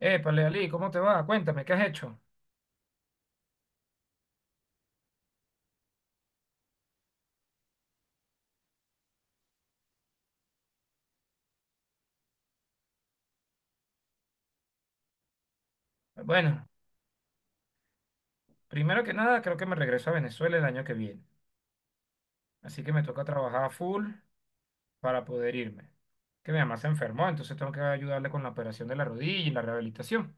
Épale, Ali, ¿cómo te va? Cuéntame, ¿qué has hecho? Bueno, primero que nada, creo que me regreso a Venezuela el año que viene. Así que me toca trabajar a full para poder irme. Que mi mamá se enfermó, entonces tengo que ayudarle con la operación de la rodilla y la rehabilitación.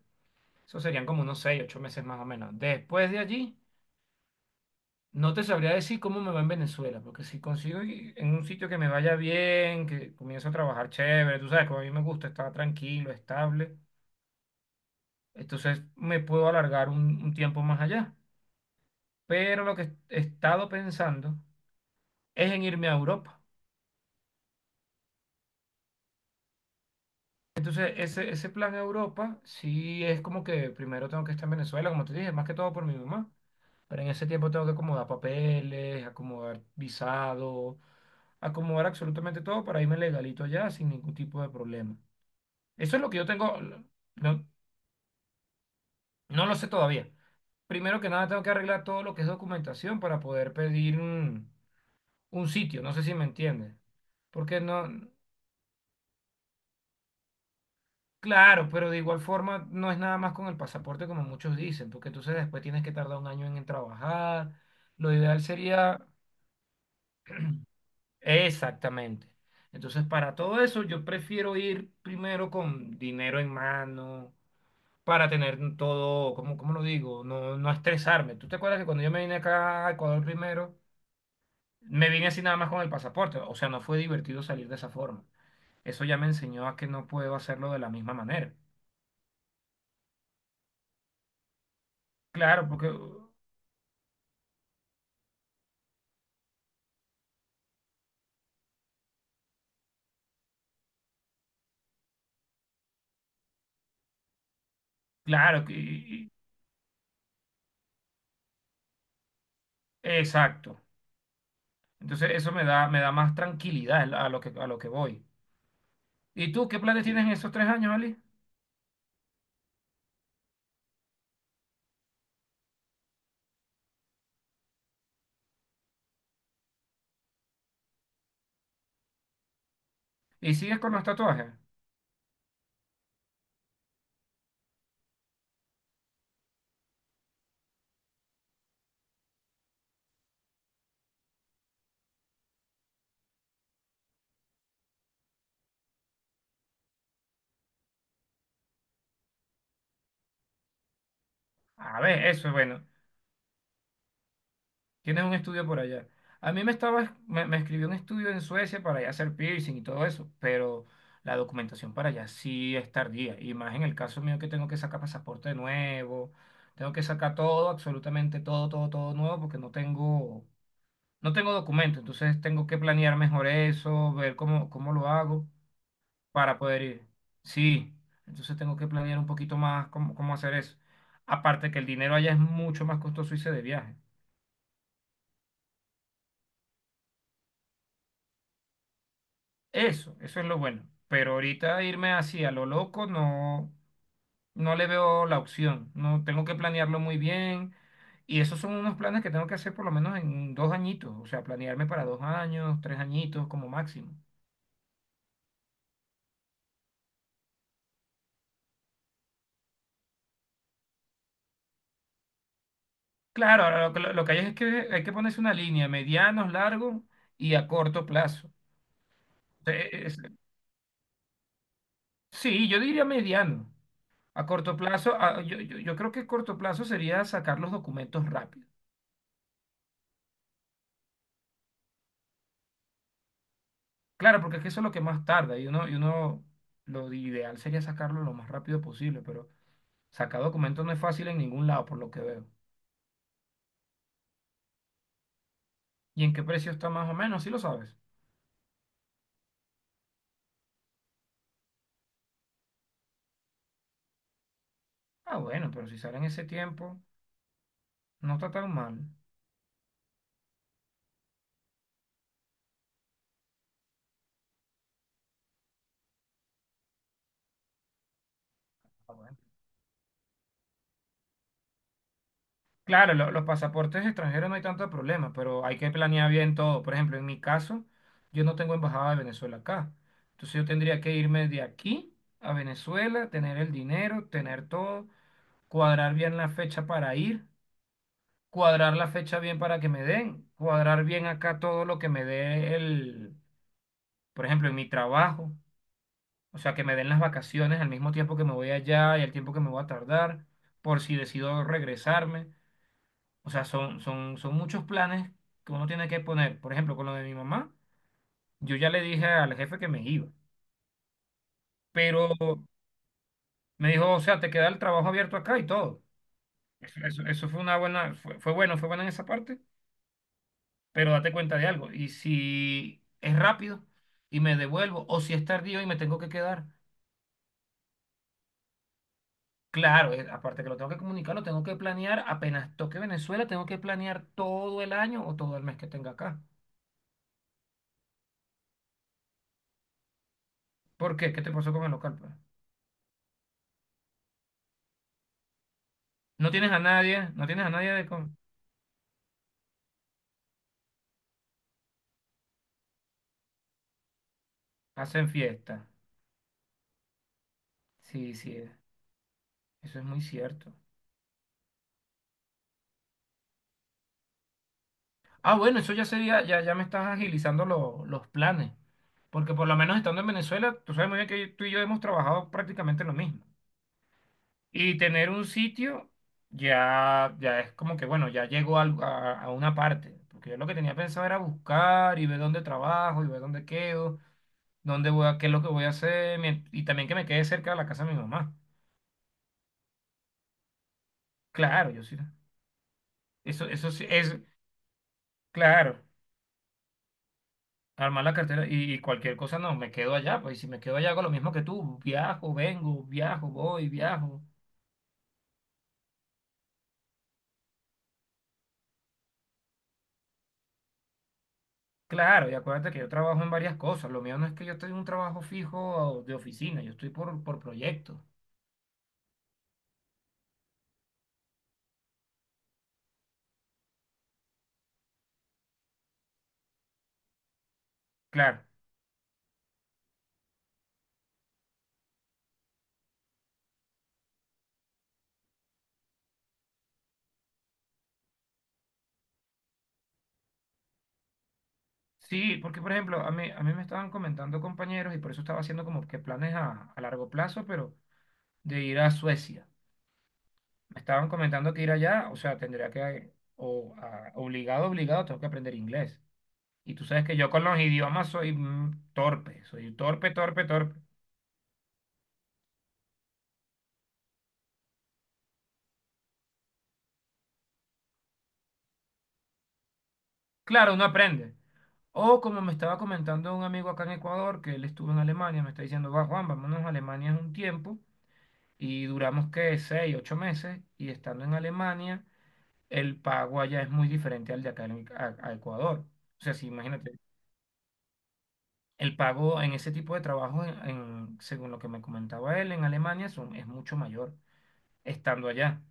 Eso serían como unos 6 u 8 meses más o menos. Después de allí, no te sabría decir cómo me va en Venezuela, porque si consigo en un sitio que me vaya bien, que comienzo a trabajar chévere, tú sabes, como a mí me gusta estar tranquilo, estable, entonces me puedo alargar un tiempo más allá. Pero lo que he estado pensando es en irme a Europa. Entonces, ese plan a Europa, sí es como que primero tengo que estar en Venezuela, como te dije, más que todo por mi mamá. Pero en ese tiempo tengo que acomodar papeles, acomodar visado, acomodar absolutamente todo para irme legalito allá sin ningún tipo de problema. Eso es lo que yo tengo, no, no lo sé todavía. Primero que nada, tengo que arreglar todo lo que es documentación para poder pedir un sitio, no sé si me entiendes. Porque no. Claro, pero de igual forma no es nada más con el pasaporte como muchos dicen, porque entonces después tienes que tardar un año en trabajar. Lo ideal sería exactamente. Entonces, para todo eso, yo prefiero ir primero con dinero en mano, para tener todo, ¿cómo lo digo? No, no estresarme. ¿Tú te acuerdas que cuando yo me vine acá a Ecuador primero, me vine así nada más con el pasaporte? O sea, no fue divertido salir de esa forma. Eso ya me enseñó a que no puedo hacerlo de la misma manera. Claro, porque, claro, exacto. Entonces eso me da más tranquilidad a lo que voy. ¿Y tú qué planes tienes en esos 3 años, Ali? ¿Y sigues con los tatuajes? A ver, eso es bueno. Tienes un estudio por allá. A mí me escribió un estudio en Suecia para ya hacer piercing y todo eso, pero la documentación para allá sí es tardía. Y más en el caso mío que tengo que sacar pasaporte nuevo, tengo que sacar todo, absolutamente todo, todo, todo nuevo, porque no tengo documento. Entonces tengo que planear mejor eso, ver cómo lo hago. Para poder ir. Sí, entonces tengo que planear un poquito más cómo hacer eso. Aparte que el dinero allá es mucho más costoso irse de viaje. Eso es lo bueno. Pero ahorita irme así a lo loco no, no le veo la opción. No, tengo que planearlo muy bien. Y esos son unos planes que tengo que hacer por lo menos en 2 añitos. O sea, planearme para 2 años, 3 añitos como máximo. Claro, ahora lo que hay es que hay que ponerse una línea, medianos, largos y a corto plazo. Eh, es- sí, yo diría mediano. A corto plazo, yo creo que corto plazo sería sacar los documentos rápido. Claro, porque es que eso es lo que más tarda y uno, lo ideal sería sacarlo lo más rápido posible, pero sacar documentos no es fácil en ningún lado, por lo que veo. ¿Y en qué precio está más o menos? Sí lo sabes. Ah, bueno, pero si sale en ese tiempo, no está tan mal. Ah, bueno. Claro, los pasaportes extranjeros no hay tanto problema, pero hay que planear bien todo. Por ejemplo, en mi caso, yo no tengo embajada de Venezuela acá. Entonces yo tendría que irme de aquí a Venezuela, tener el dinero, tener todo, cuadrar bien la fecha para ir, cuadrar la fecha bien para que me den, cuadrar bien acá todo lo que me dé el, por ejemplo, en mi trabajo, o sea, que me den las vacaciones al mismo tiempo que me voy allá y el tiempo que me voy a tardar, por si decido regresarme. O sea, son muchos planes que uno tiene que poner. Por ejemplo, con lo de mi mamá, yo ya le dije al jefe que me iba, pero me dijo, o sea, te queda el trabajo abierto acá y todo. Eso fue una buena, fue bueno, fue buena en esa parte, pero date cuenta de algo. Y si es rápido y me devuelvo, o si es tardío y me tengo que quedar, claro, aparte que lo tengo que comunicar, lo tengo que planear, apenas toque Venezuela, tengo que planear todo el año o todo el mes que tenga acá. ¿Por qué? ¿Qué te pasó con el local, pues? No tienes a nadie, no tienes a nadie Hacen fiesta. Sí, sí, eso es muy cierto. Ah, bueno, eso ya sería, ya me estás agilizando los planes. Porque por lo menos estando en Venezuela, tú sabes muy bien que tú y yo hemos trabajado prácticamente lo mismo. Y tener un sitio ya es como que, bueno, ya llego a una parte. Porque yo lo que tenía pensado era buscar y ver dónde trabajo y ver dónde quedo, dónde voy a, qué es lo que voy a hacer y también que me quede cerca de la casa de mi mamá. Claro, yo sí. Eso sí es claro. Armar la cartera y cualquier cosa, no, me quedo allá, pues y si me quedo allá hago lo mismo que tú, viajo, vengo, viajo, voy, viajo. Claro, y acuérdate que yo trabajo en varias cosas, lo mío no es que yo estoy en un trabajo fijo de oficina, yo estoy por proyecto. Claro, sí, porque por ejemplo, a mí me estaban comentando compañeros y por eso estaba haciendo como que planes a largo plazo, pero de ir a Suecia. Me estaban comentando que ir allá, o sea, tendría que, obligado, obligado, tengo que aprender inglés. Y tú sabes que yo con los idiomas soy torpe, soy torpe, torpe, torpe. Claro, uno aprende. O como me estaba comentando un amigo acá en Ecuador, que él estuvo en Alemania, me está diciendo, va Juan, vámonos a Alemania un tiempo. Y duramos que 6, 8 meses. Y estando en Alemania, el pago allá es muy diferente al de acá a Ecuador. O sea, si imagínate, el pago en ese tipo de trabajo, según lo que me comentaba él, en Alemania son, es mucho mayor. Estando allá.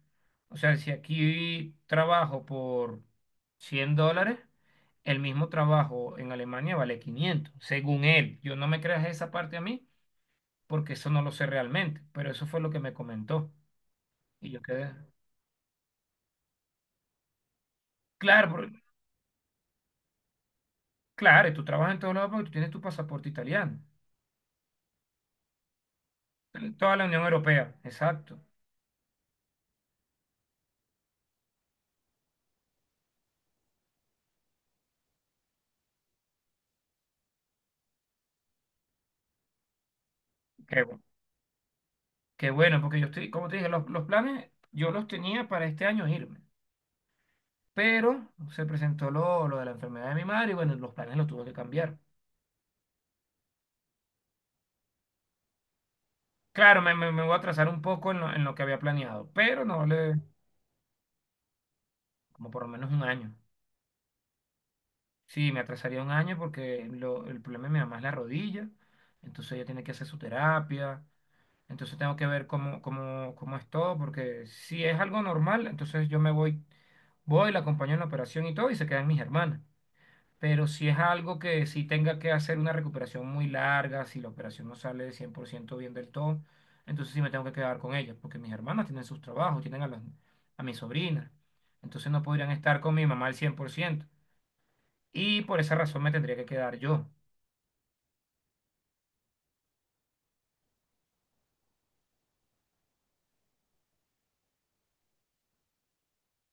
O sea, si aquí trabajo por $100, el mismo trabajo en Alemania vale 500, según él. Yo no me creas esa parte a mí, porque eso no lo sé realmente, pero eso fue lo que me comentó. Y yo quedé, claro, claro, y tú trabajas en todos lados porque tú tienes tu pasaporte italiano. En toda la Unión Europea, exacto. Qué bueno, qué bueno, porque yo estoy, como te dije, los planes yo los tenía para este año irme. Pero se presentó lo de la enfermedad de mi madre y bueno, los planes los tuve que cambiar. Claro, me voy a atrasar un poco en lo que había planeado, pero no le, como por lo menos un año. Sí, me atrasaría un año porque el problema de mi mamá es la rodilla, entonces ella tiene que hacer su terapia, entonces tengo que ver cómo es todo, porque si es algo normal, entonces yo me voy, voy, la acompaño en la operación y todo y se quedan mis hermanas. Pero si es algo que sí tenga que hacer una recuperación muy larga, si la operación no sale 100% bien del todo, entonces sí me tengo que quedar con ellos, porque mis hermanas tienen sus trabajos, tienen a mi sobrina. Entonces no podrían estar con mi mamá al 100%. Y por esa razón me tendría que quedar yo.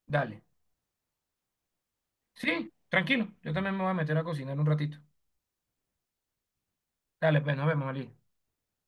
Dale. Sí, tranquilo. Yo también me voy a meter a cocinar un ratito. Dale, pues nos vemos, Ali.